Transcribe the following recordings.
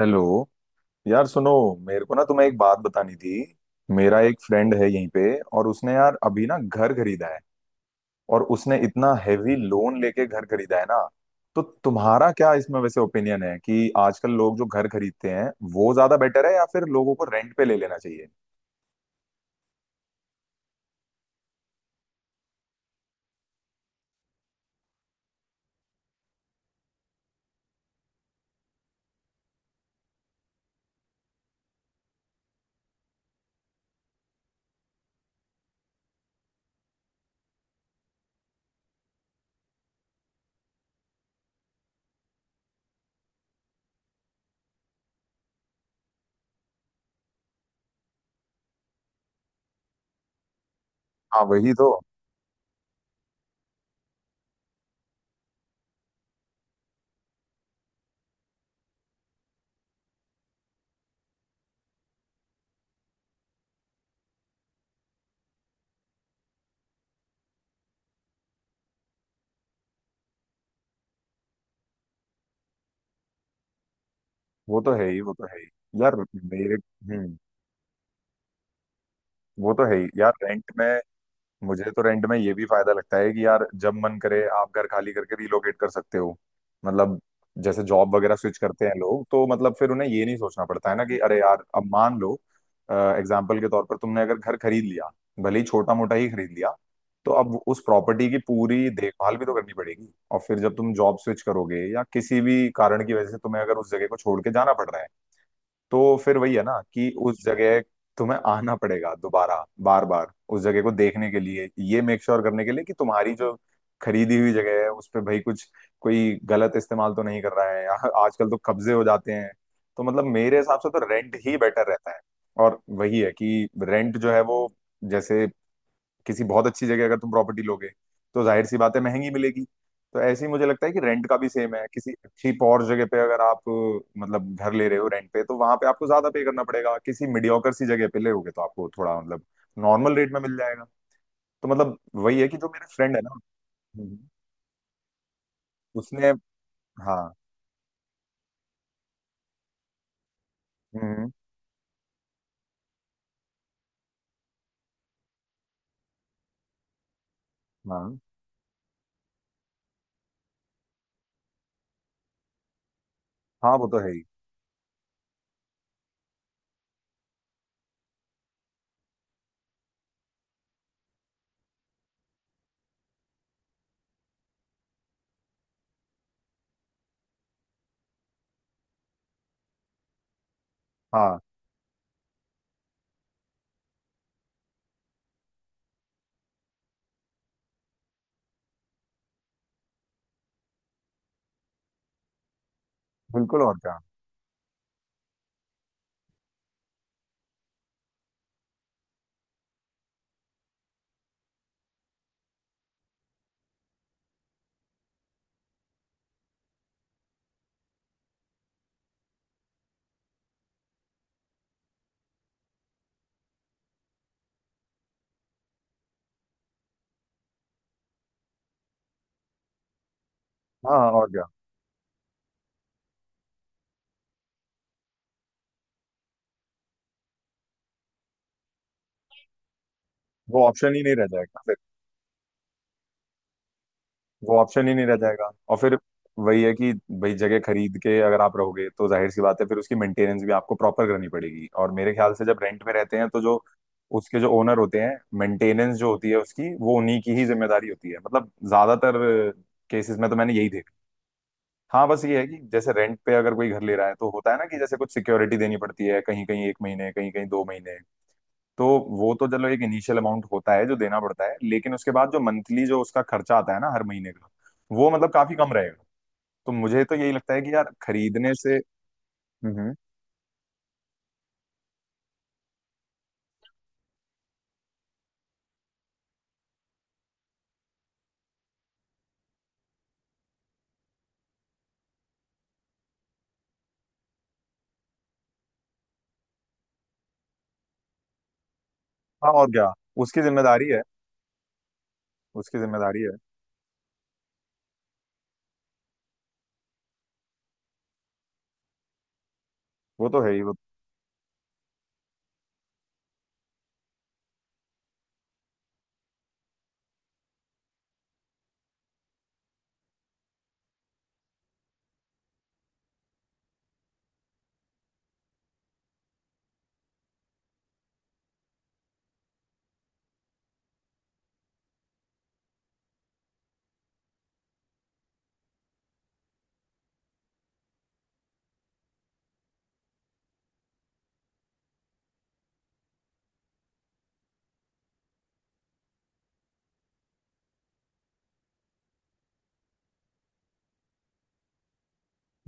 Hello. यार सुनो, मेरे को ना तुम्हें एक बात बतानी थी। मेरा एक फ्रेंड है यहीं पे, और उसने यार अभी ना घर खरीदा है। और उसने इतना हेवी लोन लेके घर खरीदा है ना। तो तुम्हारा क्या इसमें वैसे ओपिनियन है कि आजकल लोग जो घर खरीदते हैं वो ज्यादा बेटर है, या फिर लोगों को रेंट पे ले लेना चाहिए? हाँ वही तो। वो तो है ही, वो तो है ही यार। मेरे हम्म। वो तो है ही यार, रेंट में। मुझे तो रेंट में ये भी फायदा लगता है कि यार जब मन करे आप घर खाली करके रिलोकेट कर सकते हो। मतलब जैसे जॉब वगैरह स्विच करते हैं लोग, तो मतलब फिर उन्हें ये नहीं सोचना पड़ता है ना कि अरे यार, अब मान लो एग्जाम्पल के तौर पर तुमने अगर घर खरीद लिया, भले ही छोटा मोटा ही खरीद लिया, तो अब उस प्रॉपर्टी की पूरी देखभाल भी तो करनी पड़ेगी। और फिर जब तुम जॉब स्विच करोगे या किसी भी कारण की वजह से तुम्हें अगर उस जगह को छोड़ के जाना पड़ रहा है, तो फिर वही है ना कि उस जगह तुम्हें आना पड़ेगा दोबारा, बार बार उस जगह को देखने के लिए, ये मेक श्योर करने के लिए कि तुम्हारी जो खरीदी हुई जगह है उस पे भाई कुछ कोई गलत इस्तेमाल तो नहीं कर रहा है, या आजकल तो कब्जे हो जाते हैं। तो मतलब मेरे हिसाब से तो रेंट ही बेटर रहता है। और वही है कि रेंट जो है वो, जैसे किसी बहुत अच्छी जगह अगर तुम प्रॉपर्टी लोगे तो जाहिर सी बात है महंगी मिलेगी। तो ऐसे ही मुझे लगता है कि रेंट का भी सेम है, किसी अच्छी और जगह पे अगर आप मतलब घर ले रहे हो रेंट पे, तो वहां पे आपको ज्यादा पे करना पड़ेगा, किसी मीडियोकर सी जगह पे ले होगे तो आपको थोड़ा मतलब नॉर्मल रेट में मिल जाएगा। तो मतलब वही है कि जो मेरा फ्रेंड है ना। हम्म, उसने। हाँ। हम्म, हम्म, हाँ हाँ, वो तो है ही। हाँ, बिल्कुल और क्या। हाँ हाँ, और क्या। वो ऑप्शन ही नहीं रह जाएगा, वो ऑप्शन ही नहीं रह जाएगा। और फिर वही है कि भाई जगह खरीद के अगर आप रहोगे तो जाहिर सी बात है फिर उसकी मेंटेनेंस भी आपको प्रॉपर करनी पड़ेगी। और मेरे ख्याल से जब रेंट पे रहते हैं, तो जो उसके जो ओनर होते हैं, मेंटेनेंस जो होती है उसकी वो उन्हीं की ही जिम्मेदारी होती है, मतलब ज्यादातर केसेस में तो मैंने यही देखा। हाँ, बस ये है कि जैसे रेंट पे अगर कोई घर ले रहा है तो होता है ना कि जैसे कुछ सिक्योरिटी देनी पड़ती है, कहीं कहीं 1 महीने, कहीं कहीं 2 महीने। तो वो तो चलो एक इनिशियल अमाउंट होता है जो देना पड़ता है, लेकिन उसके बाद जो मंथली जो उसका खर्चा आता है ना हर महीने का, वो मतलब काफी कम रहेगा। तो मुझे तो यही लगता है कि यार खरीदने से। हम्म। हाँ और क्या। उसकी जिम्मेदारी है, उसकी जिम्मेदारी है। वो तो है ही।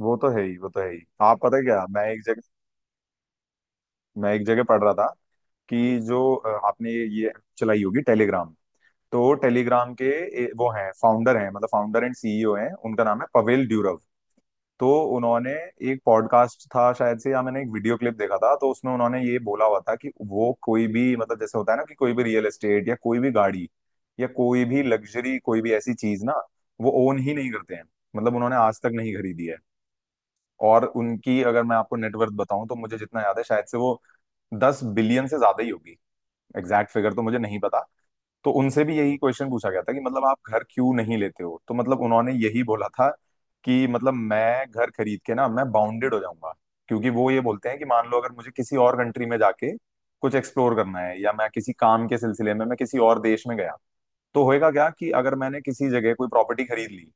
वो तो है ही, वो तो है ही। आप पता है क्या, मैं एक जगह पढ़ रहा था कि जो आपने ये app चलाई होगी, टेलीग्राम। तो टेलीग्राम के वो हैं फाउंडर, हैं मतलब फाउंडर एंड सीईओ हैं। उनका नाम है पवेल ड्यूरव। तो उन्होंने, एक पॉडकास्ट था शायद से या मैंने एक वीडियो क्लिप देखा था, तो उसमें उन्होंने ये बोला हुआ था कि वो कोई भी, मतलब जैसे होता है ना कि कोई भी रियल एस्टेट, या कोई भी गाड़ी, या कोई भी लग्जरी, कोई भी ऐसी चीज ना, वो ओन ही नहीं करते हैं। मतलब उन्होंने आज तक नहीं खरीदी है। और उनकी अगर मैं आपको नेटवर्थ बताऊं, तो मुझे जितना याद है शायद से वो 10 बिलियन से ज्यादा ही होगी। एग्जैक्ट फिगर तो मुझे नहीं पता। तो उनसे भी यही क्वेश्चन पूछा गया था कि मतलब आप घर क्यों नहीं लेते हो, तो मतलब उन्होंने यही बोला था कि मतलब मैं घर खरीद के ना मैं बाउंडेड हो जाऊंगा। क्योंकि वो ये बोलते हैं कि मान लो अगर मुझे किसी और कंट्री में जाके कुछ एक्सप्लोर करना है, या मैं किसी काम के सिलसिले में मैं किसी और देश में गया, तो होएगा क्या कि अगर मैंने किसी जगह कोई प्रॉपर्टी खरीद ली,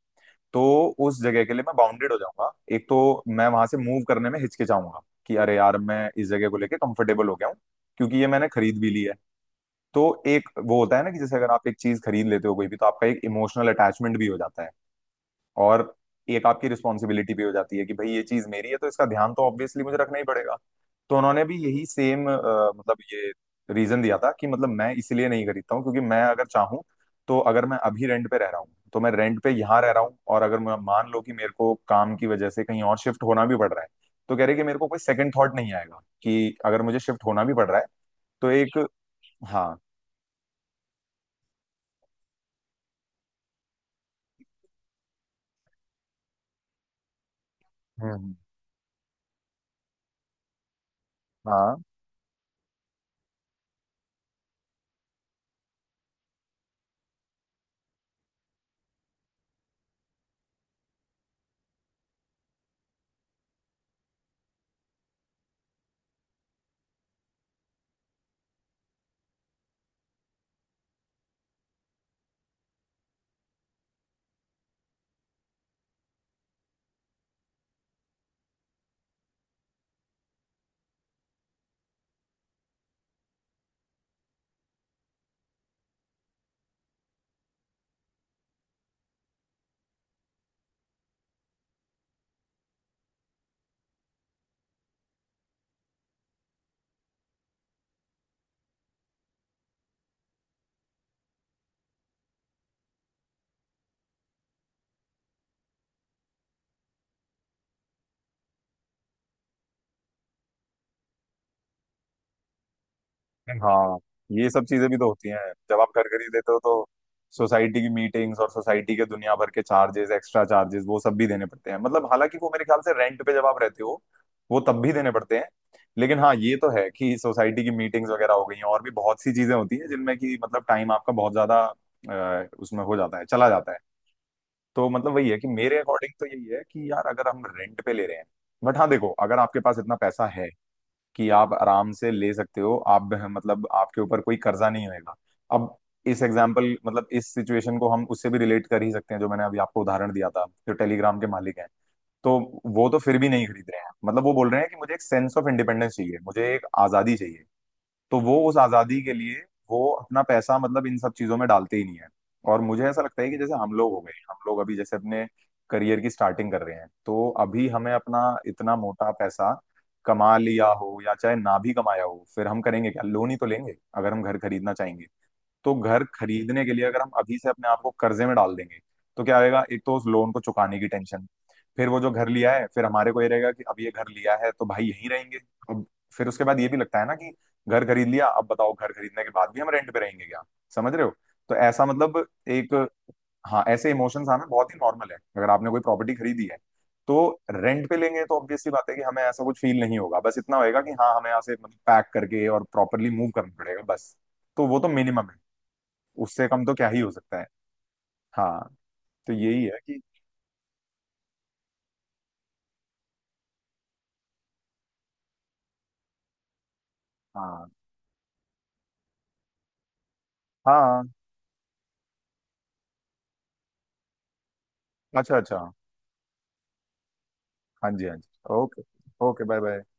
तो उस जगह के लिए मैं बाउंडेड हो जाऊंगा। एक तो मैं वहां से मूव करने में हिचकिचाऊंगा कि अरे यार, मैं इस जगह को लेके कंफर्टेबल हो गया हूँ, क्योंकि ये मैंने खरीद भी ली है। तो एक वो होता है ना कि जैसे अगर आप एक चीज खरीद लेते हो कोई भी, तो आपका एक इमोशनल अटैचमेंट भी हो जाता है। और एक आपकी रिस्पॉन्सिबिलिटी भी हो जाती है कि भाई ये चीज मेरी है तो इसका ध्यान तो ऑब्वियसली मुझे रखना ही पड़ेगा। तो उन्होंने भी यही सेम मतलब ये रीजन दिया था कि मतलब मैं इसलिए नहीं खरीदता हूँ, क्योंकि मैं अगर चाहूँ, तो अगर मैं अभी रेंट पे रह रहा हूँ तो मैं रेंट पे यहाँ रह रहा हूँ, और अगर मान लो कि मेरे को काम की वजह से कहीं और शिफ्ट होना भी पड़ रहा है, तो कह रहे कि मेरे को कोई सेकंड थॉट नहीं आएगा कि अगर मुझे शिफ्ट होना भी पड़ रहा है। तो एक हाँ। हम्म। हाँ हाँ, ये सब चीजें भी तो होती हैं। जब आप घर खरीद लेते हो तो सोसाइटी की मीटिंग्स, और सोसाइटी के दुनिया भर के चार्जेस, एक्स्ट्रा चार्जेस वो सब भी देने पड़ते हैं। मतलब हालांकि वो मेरे ख्याल से रेंट पे जब आप रहते हो वो तब भी देने पड़ते हैं। लेकिन हाँ, ये तो है कि सोसाइटी की मीटिंग्स वगैरह हो गई हैं, और भी बहुत सी चीजें होती हैं जिनमें कि मतलब टाइम आपका बहुत ज्यादा उसमें हो जाता है, चला जाता है। तो मतलब वही है कि मेरे अकॉर्डिंग तो यही है कि यार अगर हम रेंट पे ले रहे हैं। बट हाँ देखो, अगर आपके पास इतना पैसा है कि आप आराम से ले सकते हो, आप मतलब आपके ऊपर कोई कर्जा नहीं होएगा। अब इस एग्जाम्पल, मतलब इस सिचुएशन को हम उससे भी रिलेट कर ही सकते हैं जो मैंने अभी आपको उदाहरण दिया था, जो टेलीग्राम के मालिक हैं। तो वो तो फिर भी नहीं खरीद रहे हैं, मतलब वो बोल रहे हैं कि मुझे एक सेंस ऑफ इंडिपेंडेंस चाहिए, मुझे एक आजादी चाहिए। तो वो उस आजादी के लिए वो अपना पैसा मतलब इन सब चीजों में डालते ही नहीं है। और मुझे ऐसा लगता है कि जैसे हम लोग हो गए, हम लोग अभी जैसे अपने करियर की स्टार्टिंग कर रहे हैं, तो अभी हमें अपना इतना मोटा पैसा कमा लिया हो या चाहे ना भी कमाया हो, फिर हम करेंगे क्या, लोन ही तो लेंगे अगर हम घर खरीदना चाहेंगे। तो घर खरीदने के लिए अगर हम अभी से अपने आप को कर्जे में डाल देंगे, तो क्या आएगा, एक तो उस लोन को चुकाने की टेंशन। फिर वो जो घर लिया है फिर हमारे को ये रहेगा कि अब ये घर लिया है तो भाई यहीं रहेंगे। अब फिर उसके बाद ये भी लगता है ना कि घर खरीद लिया, अब बताओ घर खरीदने के बाद भी हम रेंट पे रहेंगे क्या? समझ रहे हो? तो ऐसा मतलब एक हाँ, ऐसे इमोशंस आना बहुत ही नॉर्मल है अगर आपने कोई प्रॉपर्टी खरीदी है। तो रेंट पे लेंगे तो ऑब्वियसली बात है कि हमें ऐसा कुछ फील नहीं होगा, बस इतना होएगा कि हाँ, हमें यहाँ से मतलब पैक करके और प्रॉपरली मूव करना पड़ेगा बस। तो वो तो मिनिमम है, उससे कम तो क्या ही हो सकता है। हाँ, तो यही है कि हाँ हाँ हाँ। अच्छा अच्छा। हाँ जी, हाँ जी। ओके। Okay, bye bye.